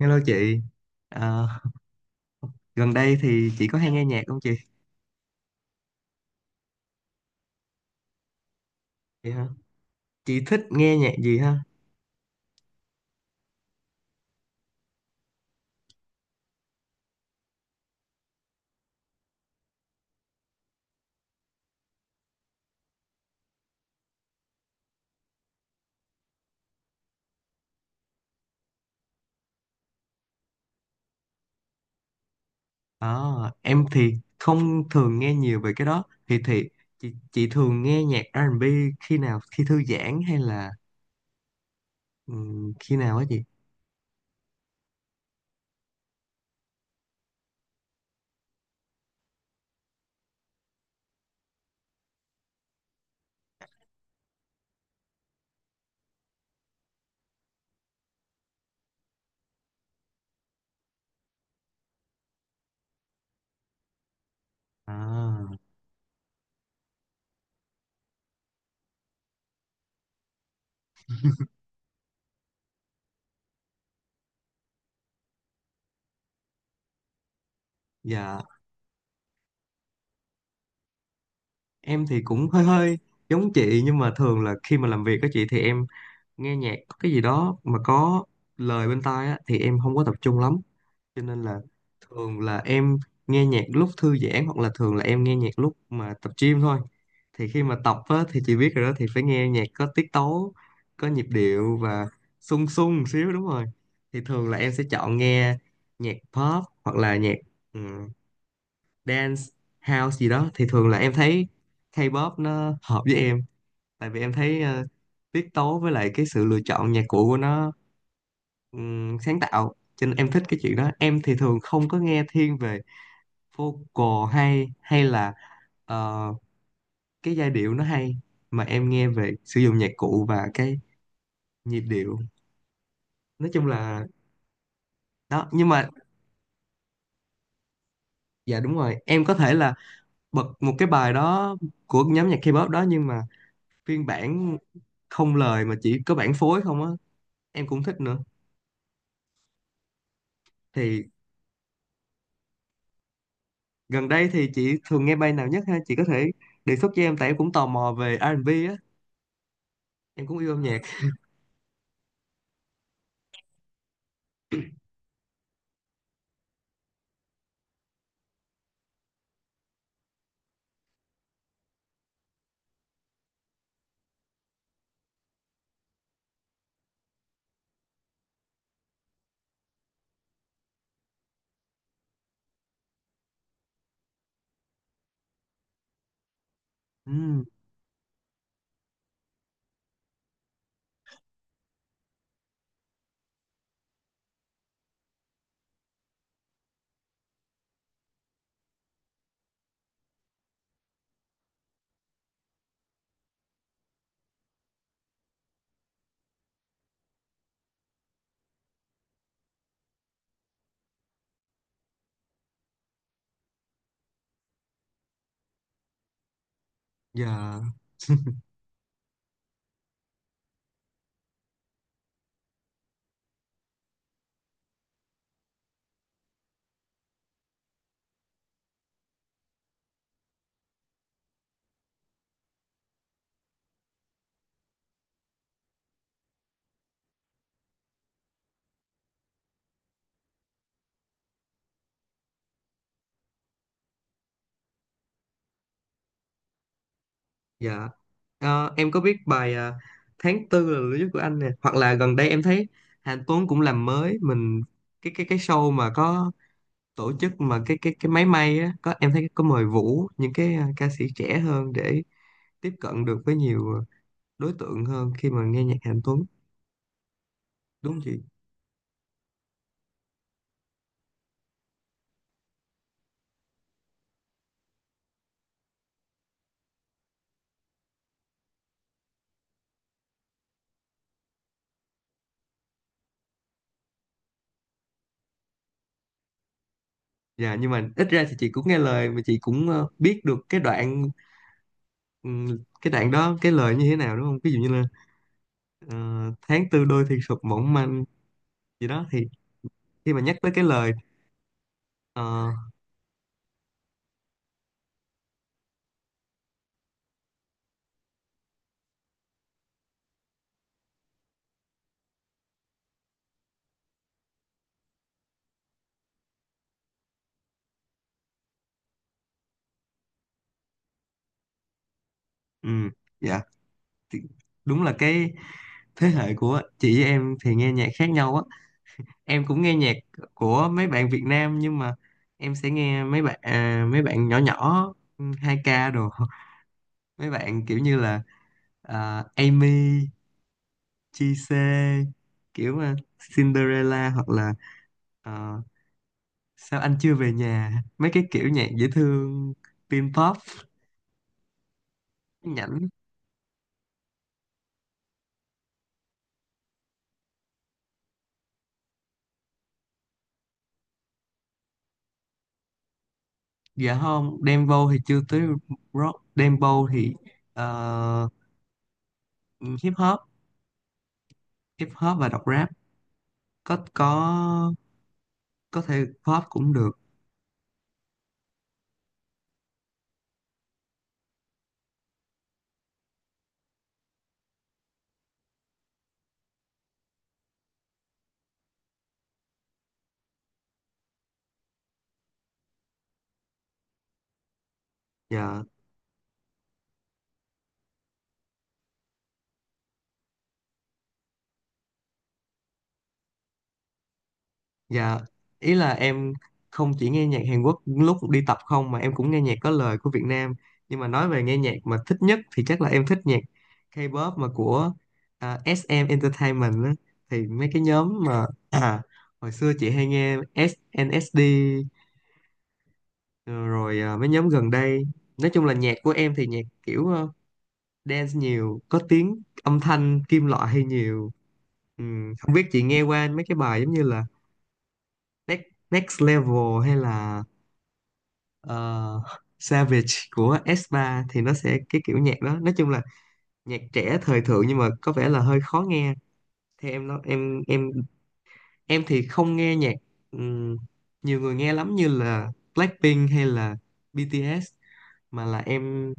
Hello chị. Ờ, Gần đây thì chị có hay nghe nhạc không chị? Vậy hả? Chị thích nghe nhạc gì ha? Ờ, em thì không thường nghe nhiều về cái đó. Thì chị thường nghe nhạc R&B khi nào? Khi thư giãn hay là khi nào á chị? À, dạ em thì cũng hơi hơi giống chị, nhưng mà thường là khi mà làm việc á chị thì em nghe nhạc có cái gì đó mà có lời bên tai á thì em không có tập trung lắm. Cho nên là thường là em nghe nhạc lúc thư giãn, hoặc là thường là em nghe nhạc lúc mà tập gym thôi. Thì khi mà tập á, thì chị biết rồi đó, thì phải nghe nhạc có tiết tấu, có nhịp điệu và sung sung một xíu, đúng rồi. Thì thường là em sẽ chọn nghe nhạc pop hoặc là nhạc ừm, dance, house gì đó. Thì thường là em thấy K-pop nó hợp với em, tại vì em thấy tiết tấu với lại cái sự lựa chọn nhạc cụ của nó sáng tạo, cho nên em thích cái chuyện đó. Em thì thường không có nghe thiên về vocal hay hay là ờ, cái giai điệu nó hay, mà em nghe về sử dụng nhạc cụ và cái nhịp điệu. Nói chung là đó. Nhưng mà dạ đúng rồi, em có thể là bật một cái bài đó của nhóm nhạc K-pop đó, nhưng mà phiên bản không lời, mà chỉ có bản phối không á, em cũng thích nữa. Thì gần đây thì chị thường nghe bài nào nhất ha, chị có thể đề xuất cho em, tại em cũng tò mò về R&B á, em cũng yêu âm nhạc. Ừ. Dạ. Dạ. Em có biết bài à, Tháng Tư là lửa dữ của anh nè, hoặc là gần đây em thấy Hạnh Tuấn cũng làm mới mình cái show mà có tổ chức, mà cái máy may á, có em thấy có mời Vũ, những cái à, ca sĩ trẻ hơn để tiếp cận được với nhiều đối tượng hơn khi mà nghe nhạc Hạnh Tuấn, đúng không chị? Dạ nhưng mà ít ra thì chị cũng nghe lời, mà chị cũng biết được cái đoạn, ừm, cái đoạn đó cái lời như thế nào, đúng không? Ví dụ như là ờ, tháng tư đôi thì sụp mỏng manh gì đó, thì khi mà nhắc tới cái lời. Ờ, ừ, dạ. Thì đúng là cái thế hệ của chị với em thì nghe nhạc khác nhau á. Em cũng nghe nhạc của mấy bạn Việt Nam, nhưng mà em sẽ nghe mấy bạn à, mấy bạn nhỏ nhỏ, ừ, 2K đồ mấy bạn kiểu như là à, Amy, JC, kiểu à, Cinderella, hoặc là ờ, sao anh chưa về nhà, mấy cái kiểu nhạc dễ thương, teen pop, nhảnh. Dạ không, dembow thì chưa tới. Rock, dembow thì ờ, hip hop, hip hop và đọc rap, có có có thể pop cũng được. Dạ. Dạ ý là em không chỉ nghe nhạc Hàn Quốc lúc đi tập không, mà em cũng nghe nhạc có lời của Việt Nam, nhưng mà nói về nghe nhạc mà thích nhất thì chắc là em thích nhạc K-pop mà của à, SM Entertainment á. Thì mấy cái nhóm mà à, hồi xưa chị hay nghe SNSD. Ờ, rồi à, mấy nhóm gần đây, nói chung là nhạc của em thì nhạc kiểu dance nhiều, có tiếng âm thanh kim loại hay nhiều. Không biết chị nghe qua mấy cái bài giống như là Next, Next Level hay là ờ, Savage của S3 thì nó sẽ cái kiểu nhạc đó. Nói chung là nhạc trẻ thời thượng nhưng mà có vẻ là hơi khó nghe. Thì em nó em thì không nghe nhạc ừm, nhiều người nghe lắm như là Blackpink hay là BTS, mà là em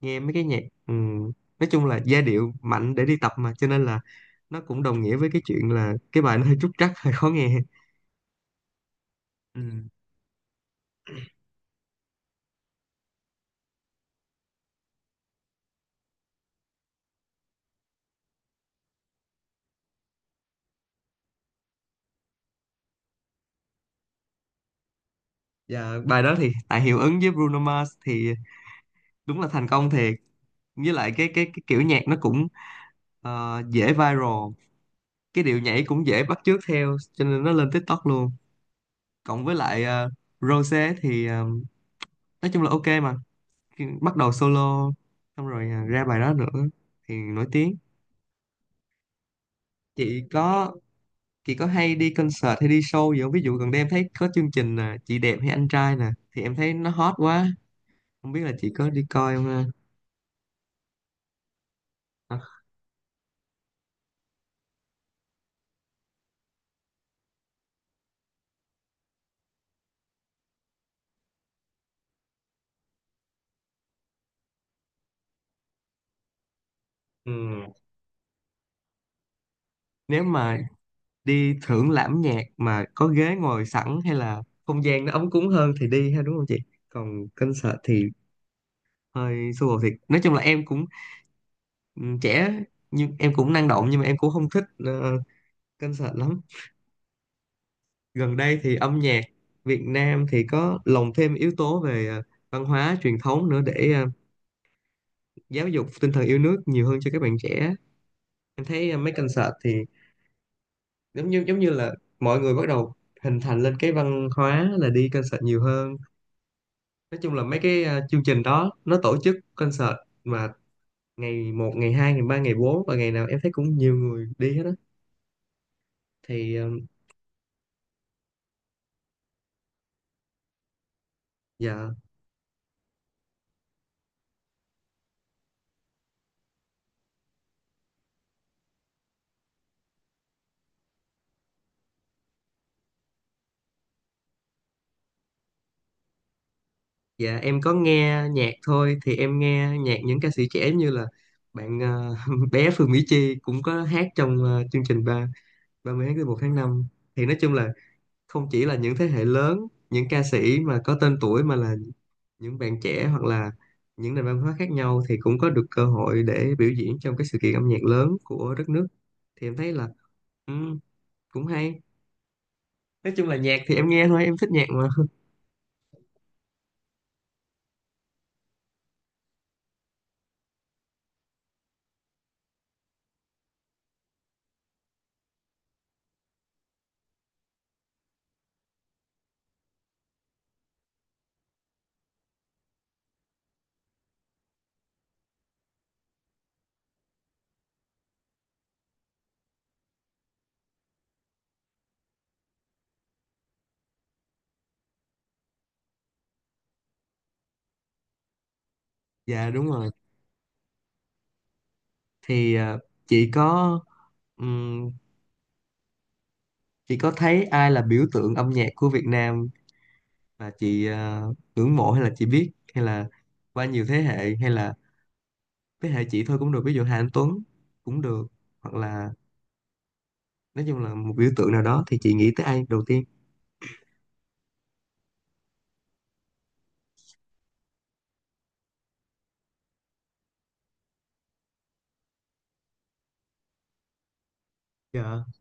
nghe mấy cái nhạc ừm, nói chung là giai điệu mạnh để đi tập, mà cho nên là nó cũng đồng nghĩa với cái chuyện là cái bài nó hơi trúc trắc hơi khó nghe. Ừ. Và bài đó thì tại hiệu ứng với Bruno Mars thì đúng là thành công thiệt, với lại cái kiểu nhạc nó cũng dễ viral, cái điệu nhảy cũng dễ bắt chước theo, cho nên nó lên TikTok luôn, cộng với lại Rosé thì nói chung là ok mà. Khi bắt đầu solo xong rồi ra bài đó nữa thì nổi tiếng. chị có Chị có hay đi concert hay đi show gì không? Ví dụ gần đây em thấy có chương trình à, Chị đẹp hay anh trai nè, thì em thấy nó hot quá. Không biết là chị có đi coi không ha? À, ừ. Nếu mà đi thưởng lãm nhạc mà có ghế ngồi sẵn hay là không gian nó ấm cúng hơn thì đi ha, đúng không chị? Còn concert thì hơi xô bồ thiệt. Nói chung là em cũng ừ, trẻ, nhưng em cũng năng động, nhưng mà em cũng không thích concert lắm. Gần đây thì âm nhạc Việt Nam thì có lồng thêm yếu tố về văn hóa truyền thống nữa để giáo dục tinh thần yêu nước nhiều hơn cho các bạn trẻ. Em thấy mấy concert thì giống như là mọi người bắt đầu hình thành lên cái văn hóa là đi concert nhiều hơn. Nói chung là mấy cái chương trình đó nó tổ chức concert mà ngày một, ngày hai, ngày ba, ngày bốn, và ngày nào em thấy cũng nhiều người đi hết á. Thì ờ, dạ. Dạ em có nghe nhạc thôi, thì em nghe nhạc những ca sĩ trẻ như là bạn bé Phương Mỹ Chi cũng có hát trong chương trình ba 30 tháng tư, một tháng năm. Thì nói chung là không chỉ là những thế hệ lớn, những ca sĩ mà có tên tuổi, mà là những bạn trẻ, hoặc là những nền văn hóa khác nhau thì cũng có được cơ hội để biểu diễn trong cái sự kiện âm nhạc lớn của đất nước. Thì em thấy là ừ, cũng hay. Nói chung là nhạc thì em nghe thôi, em thích nhạc mà dạ đúng rồi. Thì à, chị có ừm, chị có thấy ai là biểu tượng âm nhạc của Việt Nam mà chị à, ngưỡng mộ, hay là chị biết, hay là qua nhiều thế hệ, hay là thế hệ chị thôi cũng được, ví dụ Hà Anh Tuấn cũng được, hoặc là nói chung là một biểu tượng nào đó, thì chị nghĩ tới ai đầu tiên? Dạ.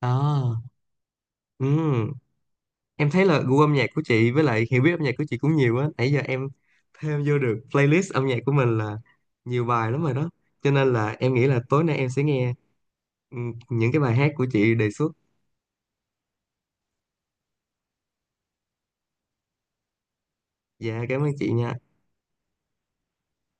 À. Ừm. Em thấy là gu âm nhạc của chị với lại hiểu biết âm nhạc của chị cũng nhiều á, nãy giờ em thêm vô được playlist âm nhạc của mình là nhiều bài lắm rồi đó, cho nên là em nghĩ là tối nay em sẽ nghe những cái bài hát của chị đề xuất. Dạ cảm ơn chị nha.